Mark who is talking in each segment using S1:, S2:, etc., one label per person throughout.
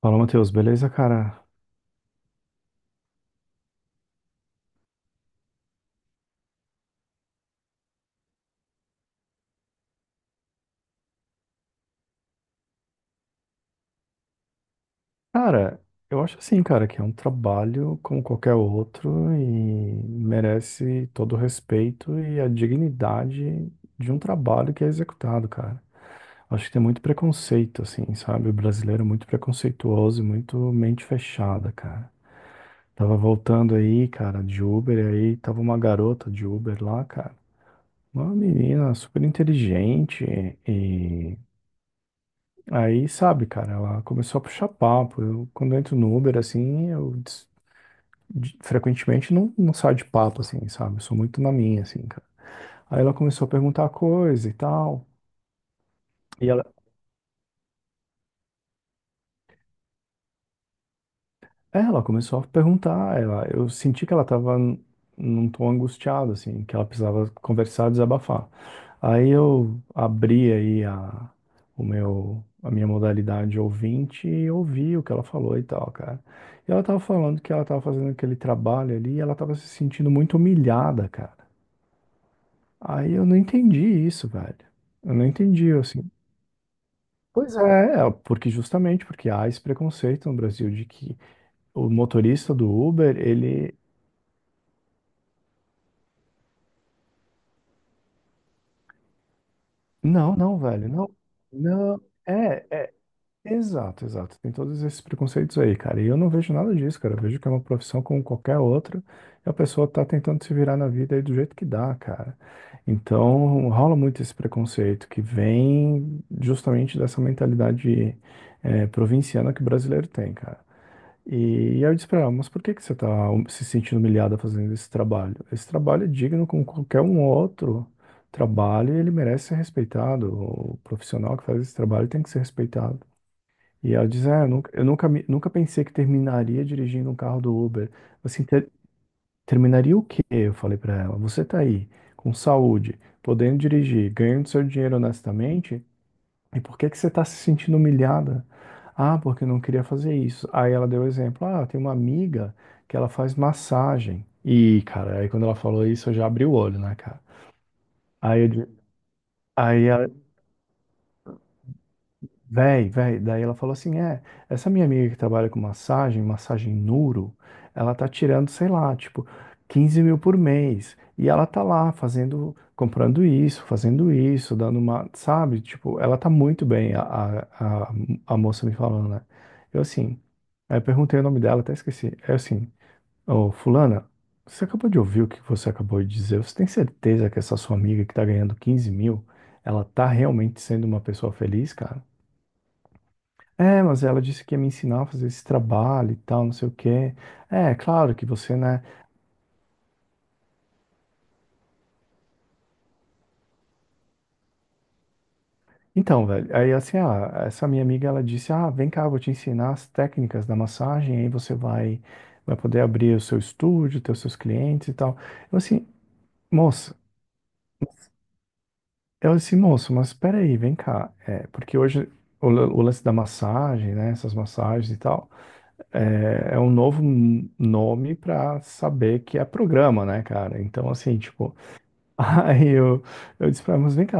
S1: Fala, Matheus, beleza, cara? Cara, eu acho assim, cara, que é um trabalho como qualquer outro e merece todo o respeito e a dignidade de um trabalho que é executado, cara. Acho que tem muito preconceito, assim, sabe? O brasileiro é muito preconceituoso e muito mente fechada, cara. Tava voltando aí, cara, de Uber, e aí tava uma garota de Uber lá, cara. Uma menina super inteligente e aí, sabe, cara, ela começou a puxar papo. Eu, quando eu entro no Uber, assim, frequentemente não saio de papo, assim, sabe? Eu sou muito na minha, assim, cara. Aí ela começou a perguntar coisa e tal. É, ela começou a perguntar, eu senti que ela estava num tom angustiado, assim, que ela precisava conversar, desabafar. Aí eu abri aí a minha modalidade ouvinte e ouvi o que ela falou e tal, cara. E ela tava falando que ela tava fazendo aquele trabalho ali e ela tava se sentindo muito humilhada, cara. Aí eu não entendi isso, velho. Eu não entendi, assim. Pois é, porque justamente porque há esse preconceito no Brasil de que o motorista do Uber, ele. Não, não, velho, não, não, é, exato, exato, tem todos esses preconceitos aí, cara, e eu não vejo nada disso, cara, eu vejo que é uma profissão como qualquer outra, e a pessoa tá tentando se virar na vida aí do jeito que dá, cara, então rola muito esse preconceito que vem justamente dessa mentalidade provinciana que o brasileiro tem, cara. E aí eu disse pra ela, mas por que que você tá se sentindo humilhada fazendo esse trabalho? Esse trabalho é digno como qualquer um outro trabalho e ele merece ser respeitado. O profissional que faz esse trabalho tem que ser respeitado. E ela diz, ah, eu nunca pensei que terminaria dirigindo um carro do Uber. Assim, terminaria o quê? Eu falei pra ela, você tá aí, com saúde, podendo dirigir, ganhando seu dinheiro honestamente, e por que que você está se sentindo humilhada? Ah, porque eu não queria fazer isso. Aí ela deu o exemplo. Ah, tem uma amiga que ela faz massagem. E, cara, aí quando ela falou isso, eu já abri o olho, né, cara? Aí, eu di- aí, Véi, daí ela falou assim, essa minha amiga que trabalha com massagem, massagem Nuro, ela tá tirando, sei lá, tipo, 15 mil por mês, e ela tá lá fazendo, comprando isso, fazendo isso, dando uma, sabe, tipo, ela tá muito bem, a moça me falando, né, eu assim, aí eu perguntei o nome dela, até esqueci, é assim, ô, fulana, você acabou de ouvir o que você acabou de dizer, você tem certeza que essa sua amiga que tá ganhando 15 mil, ela tá realmente sendo uma pessoa feliz, cara? É, mas ela disse que ia me ensinar a fazer esse trabalho e tal, não sei o quê. É, claro que você, né? Então, velho, aí assim, ah, essa minha amiga, ela disse, ah, vem cá, eu vou te ensinar as técnicas da massagem, aí você vai poder abrir o seu estúdio, ter os seus clientes e tal. Eu assim, moça, eu assim, moço, mas espera aí, vem cá. É, porque hoje o lance da massagem, né, essas massagens e tal, é um novo nome pra saber que é programa, né, cara? Então, assim, tipo. Aí eu disse pra ela, vem cá,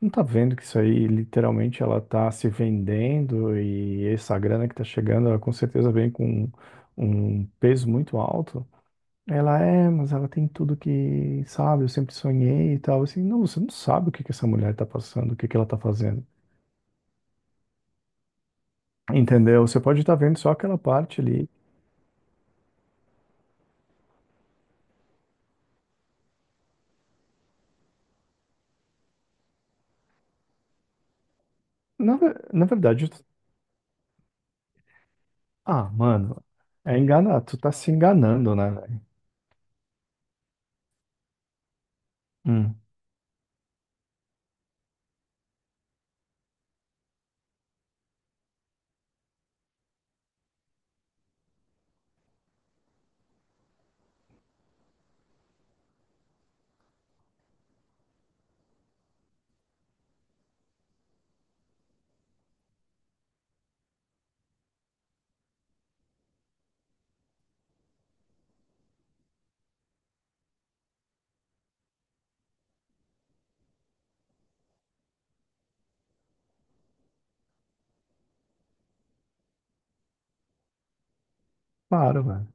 S1: não tá vendo que isso aí literalmente ela tá se vendendo e essa grana que tá chegando, ela com certeza vem com um peso muito alto. Ela é, mas ela tem tudo que, sabe, eu sempre sonhei e tal. Assim, não, você não sabe o que que essa mulher tá passando, o que que ela tá fazendo. Entendeu? Você pode estar vendo só aquela parte ali. Na verdade, ah, mano, tu tá se enganando, né? Velho? Hum, claro, velho.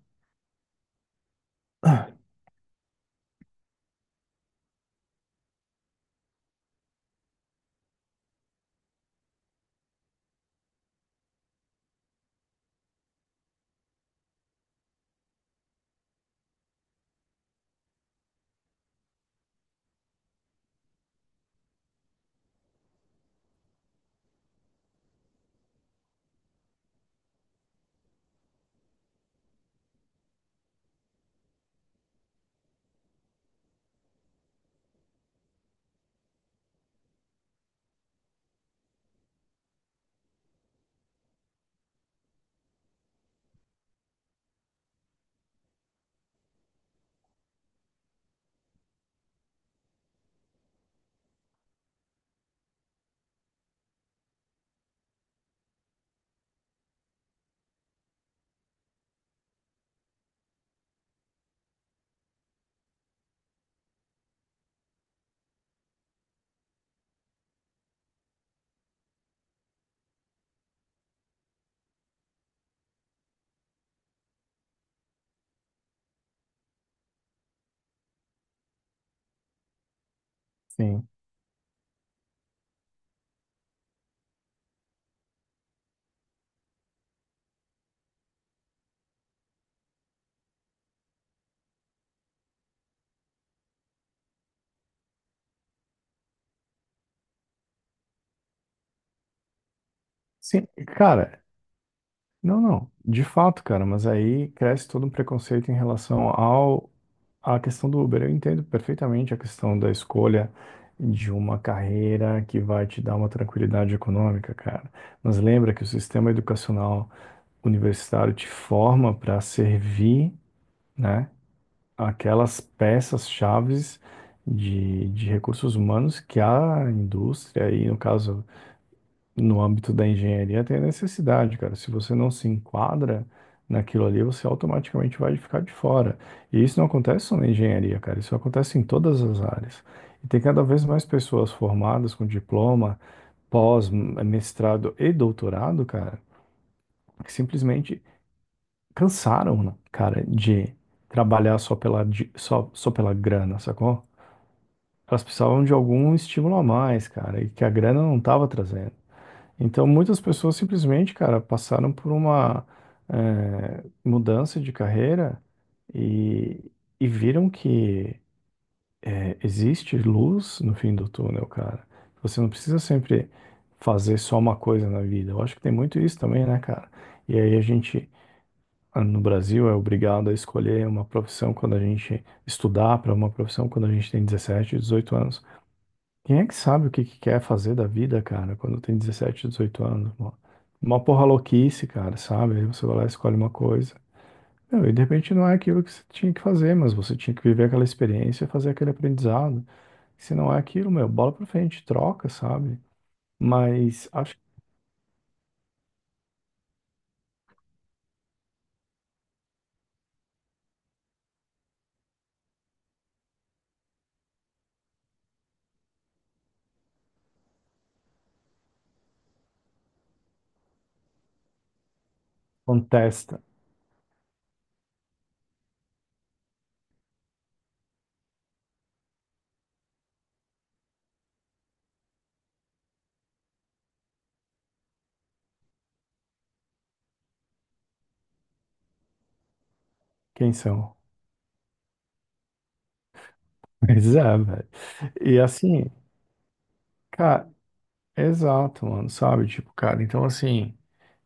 S1: Sim. Sim, cara. Não, não. De fato, cara, mas aí cresce todo um preconceito em relação ao à questão do Uber. Eu entendo perfeitamente a questão da escolha de uma carreira que vai te dar uma tranquilidade econômica, cara. Mas lembra que o sistema educacional universitário te forma para servir, né, aquelas peças-chaves de recursos humanos que a indústria, e no caso no âmbito da engenharia tem a necessidade, cara. Se você não se enquadra naquilo ali, você automaticamente vai ficar de fora. E isso não acontece só na engenharia, cara. Isso acontece em todas as áreas. E tem cada vez mais pessoas formadas com diploma, pós, mestrado e doutorado, cara, que simplesmente cansaram, né, cara, de trabalhar só pela grana, sacou? Elas precisavam de algum estímulo a mais, cara, e que a grana não estava trazendo. Então, muitas pessoas simplesmente, cara, passaram por uma mudança de carreira e, e viram que existe luz no fim do túnel, cara. Você não precisa sempre fazer só uma coisa na vida. Eu acho que tem muito isso também, né, cara? E aí a gente, no Brasil, é obrigado a escolher uma profissão quando a gente estudar para uma profissão quando a gente tem 17, 18 anos. Quem é que sabe o que que quer fazer da vida, cara, quando tem 17, 18 anos? Uma porra louquice, cara, sabe? Aí você vai lá e escolhe uma coisa. Meu, e de repente não é aquilo que você tinha que fazer, mas você tinha que viver aquela experiência, fazer aquele aprendizado. Se não é aquilo, meu, bola pra frente, troca, sabe? Mas acho que contesta quem são. Mas é, velho. E assim, cara, exato, mano, sabe? Tipo, cara, então assim.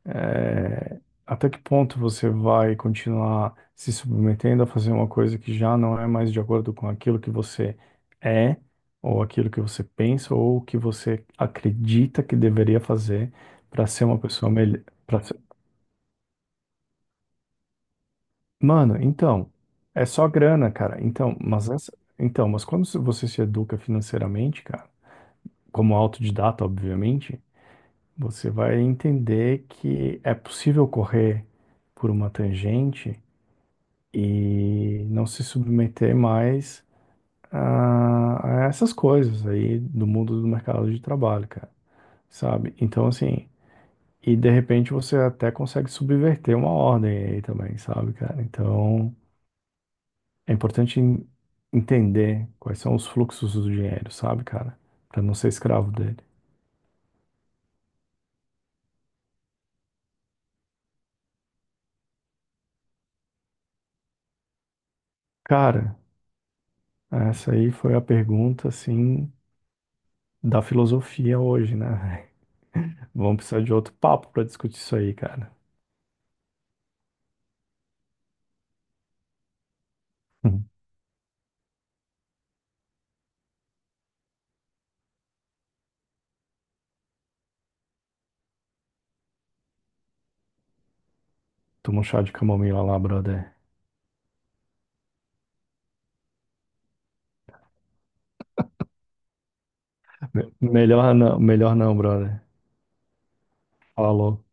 S1: É, até que ponto você vai continuar se submetendo a fazer uma coisa que já não é mais de acordo com aquilo que você é, ou aquilo que você pensa, ou o que você acredita que deveria fazer para ser uma pessoa melhor? Mano, então, é só grana, cara. Então, mas quando você se educa financeiramente, cara, como autodidata, obviamente, você vai entender que é possível correr por uma tangente e não se submeter mais a essas coisas aí do mundo do mercado de trabalho, cara, sabe? Então, assim, e de repente você até consegue subverter uma ordem aí também, sabe, cara? Então, é importante entender quais são os fluxos do dinheiro, sabe, cara? Pra não ser escravo dele. Cara, essa aí foi a pergunta, assim, da filosofia hoje, né? Vamos precisar de outro papo pra discutir isso aí, cara. Toma um chá de camomila lá, brother. Melhor não, melhor não, brother. Falou.